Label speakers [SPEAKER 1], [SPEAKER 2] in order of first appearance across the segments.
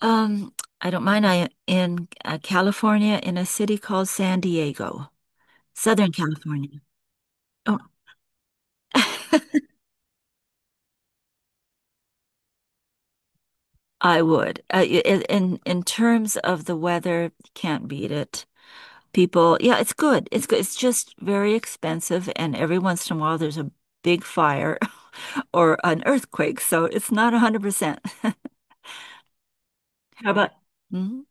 [SPEAKER 1] Um, I don't mind. I in California in a city called San Diego, Southern California. Oh, I would. In terms of the weather, can't beat it. People, yeah, it's good. It's good. It's just very expensive, and every once in a while there's a big fire or an earthquake, so it's not 100%. How about? Mhm.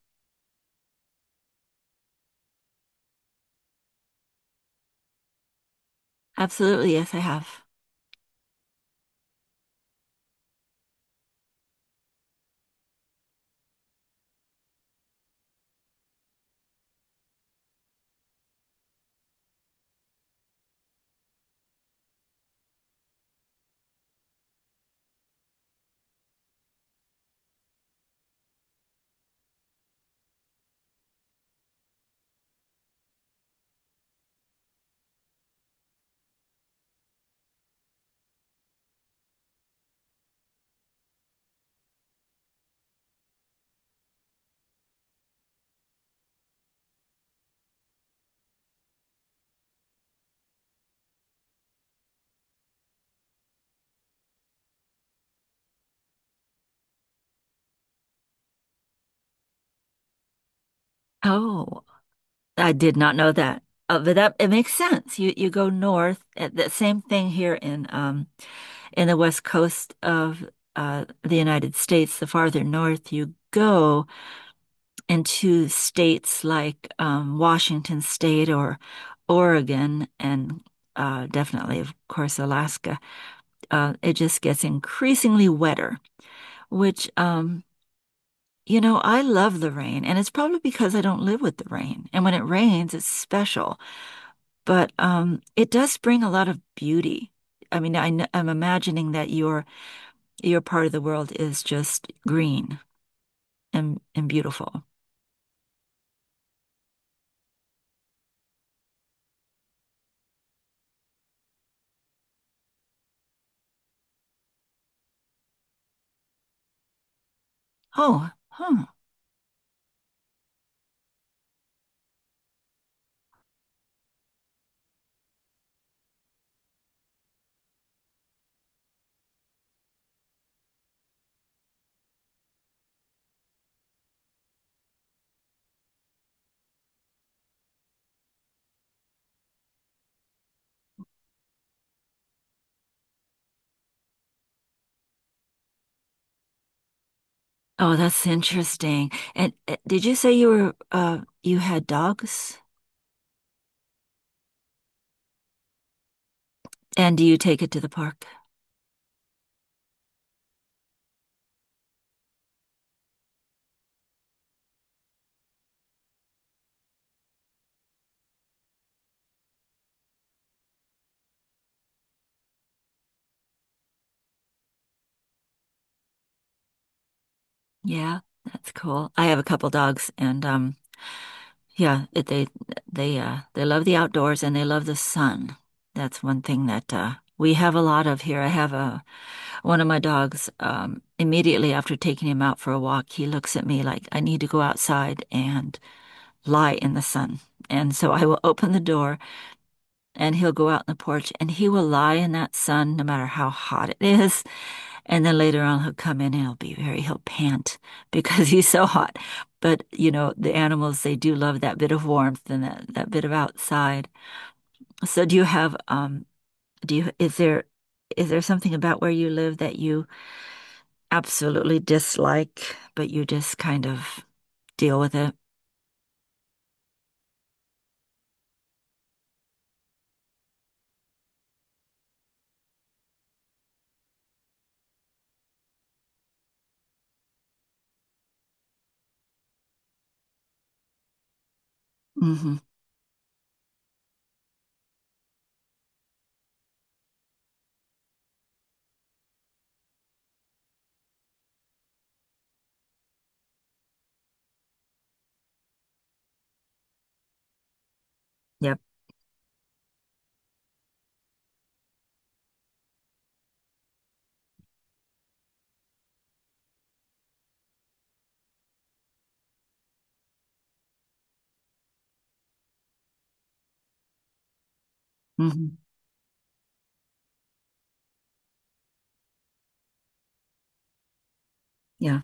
[SPEAKER 1] Absolutely, yes, I have. Oh, I did not know that. But that it makes sense. You go north. The same thing here in the west coast of the United States. The farther north you go into states like Washington State or Oregon and definitely of course Alaska. It just gets increasingly wetter, which you know, I love the rain, and it's probably because I don't live with the rain. And when it rains, it's special. But it does bring a lot of beauty. I mean, I am imagining that your part of the world is just green and beautiful. Oh, huh. Oh, that's interesting. And did you say you were you had dogs? And do you take it to the park? Yeah, that's cool. I have a couple dogs, and yeah, it, they love the outdoors and they love the sun. That's one thing that we have a lot of here. I have a one of my dogs, immediately after taking him out for a walk, he looks at me like, I need to go outside and lie in the sun. And so I will open the door and he'll go out on the porch and he will lie in that sun no matter how hot it is. And then later on, he'll come in and he'll be very, he'll pant because he's so hot. But, you know, the animals, they do love that bit of warmth and that, that bit of outside. So do you have, do you, is there something about where you live that you absolutely dislike, but you just kind of deal with it. Hmm. Yep. Hmm. Yeah.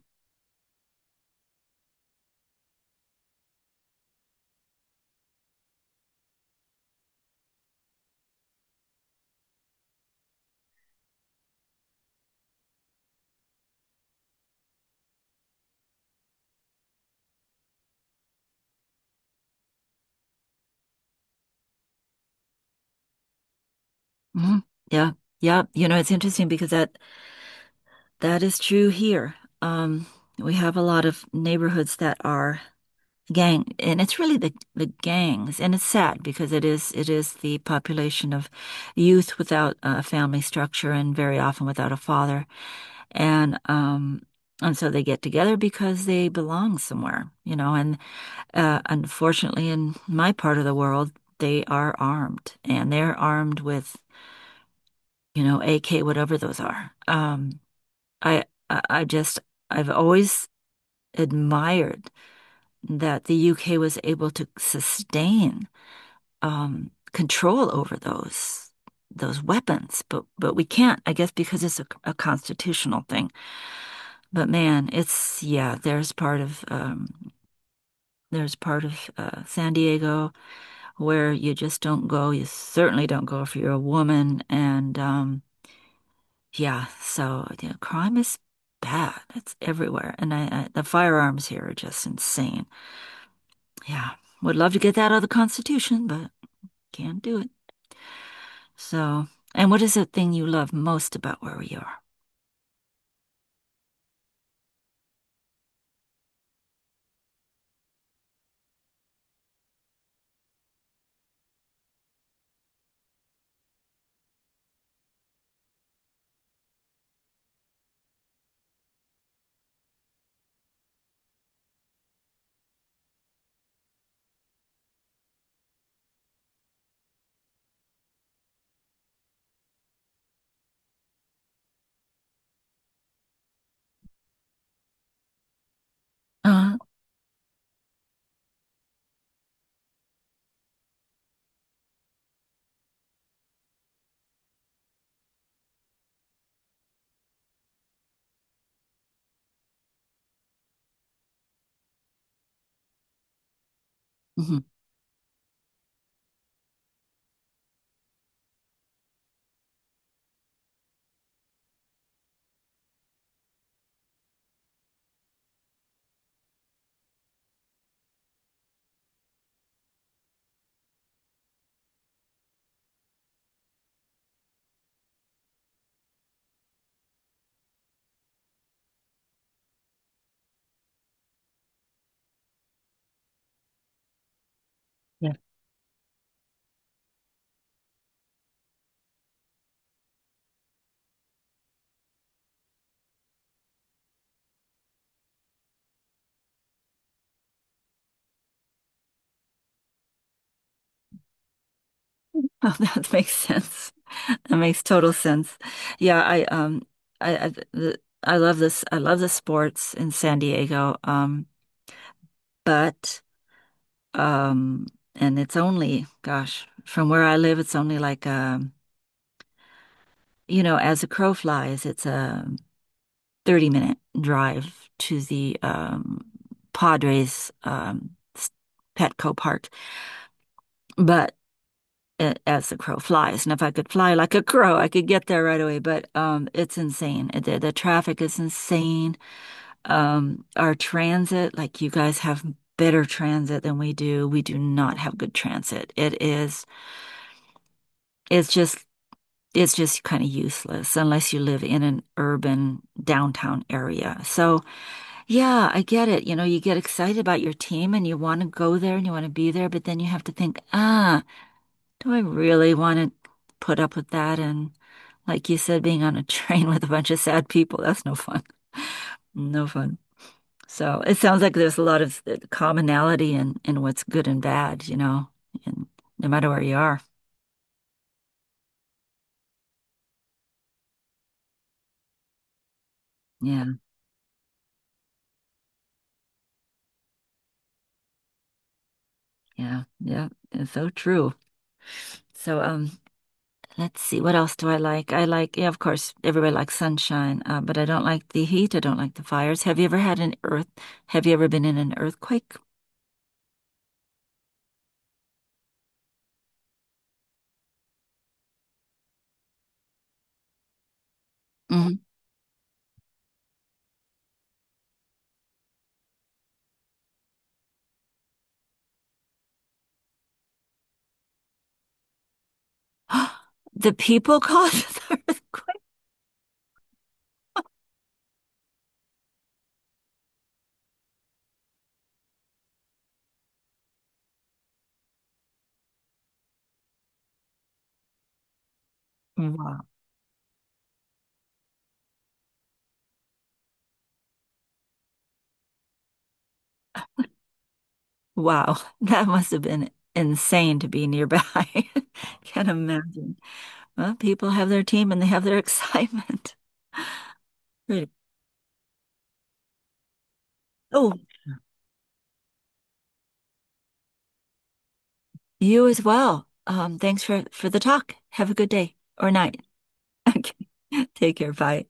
[SPEAKER 1] Hmm. Yeah. Yeah. You know, it's interesting because that is true here. Um, we have a lot of neighborhoods that are gang, and it's really the gangs, and it's sad because it is the population of youth without a family structure and very often without a father, and um, and so they get together because they belong somewhere, you know, and unfortunately, in my part of the world, they are armed, and they're armed with, you know, AK, whatever those are. I, I just, I've always admired that the UK was able to sustain control over those weapons, but we can't, I guess, because it's a constitutional thing. But man, it's yeah, there's part of San Diego where you just don't go. You certainly don't go if you're a woman. And yeah, so you know, crime is bad. It's everywhere. The firearms here are just insane. Yeah, would love to get that out of the Constitution, but can't do it. So, and what is the thing you love most about where we are? Uh, mhm. Yeah. Oh, that makes sense. That makes total sense. Yeah, I love this. I love the sports in San Diego. But Um, and it's only, gosh, from where I live, it's only like you know, as a crow flies, it's a 30-minute drive to the Padres s- Petco Park. But as the crow flies, and if I could fly like a crow, I could get there right away. But it's insane. The traffic is insane. Our transit, like you guys have better transit than we do. We do not have good transit. It's just it's just kind of useless unless you live in an urban downtown area. So, yeah, I get it. You know, you get excited about your team and you want to go there and you want to be there, but then you have to think, ah, do I really want to put up with that? And like you said, being on a train with a bunch of sad people, that's no fun. No fun. So it sounds like there's a lot of commonality in what's good and bad, you know, and no matter where you are. Yeah, yeah, yeah. It's so true. So let's see, what else do I like? I like, yeah, of course, everybody likes sunshine, but I don't like the heat. I don't like the fires. Have you ever had an earth? Have you ever been in an earthquake? Hmm. The people caused the earthquake. Wow. Wow. That must have been insane to be nearby. Can't imagine. Well, people have their team and they have their excitement. Really. Oh, you as well. Thanks for the talk. Have a good day or night. Okay. Take care. Bye.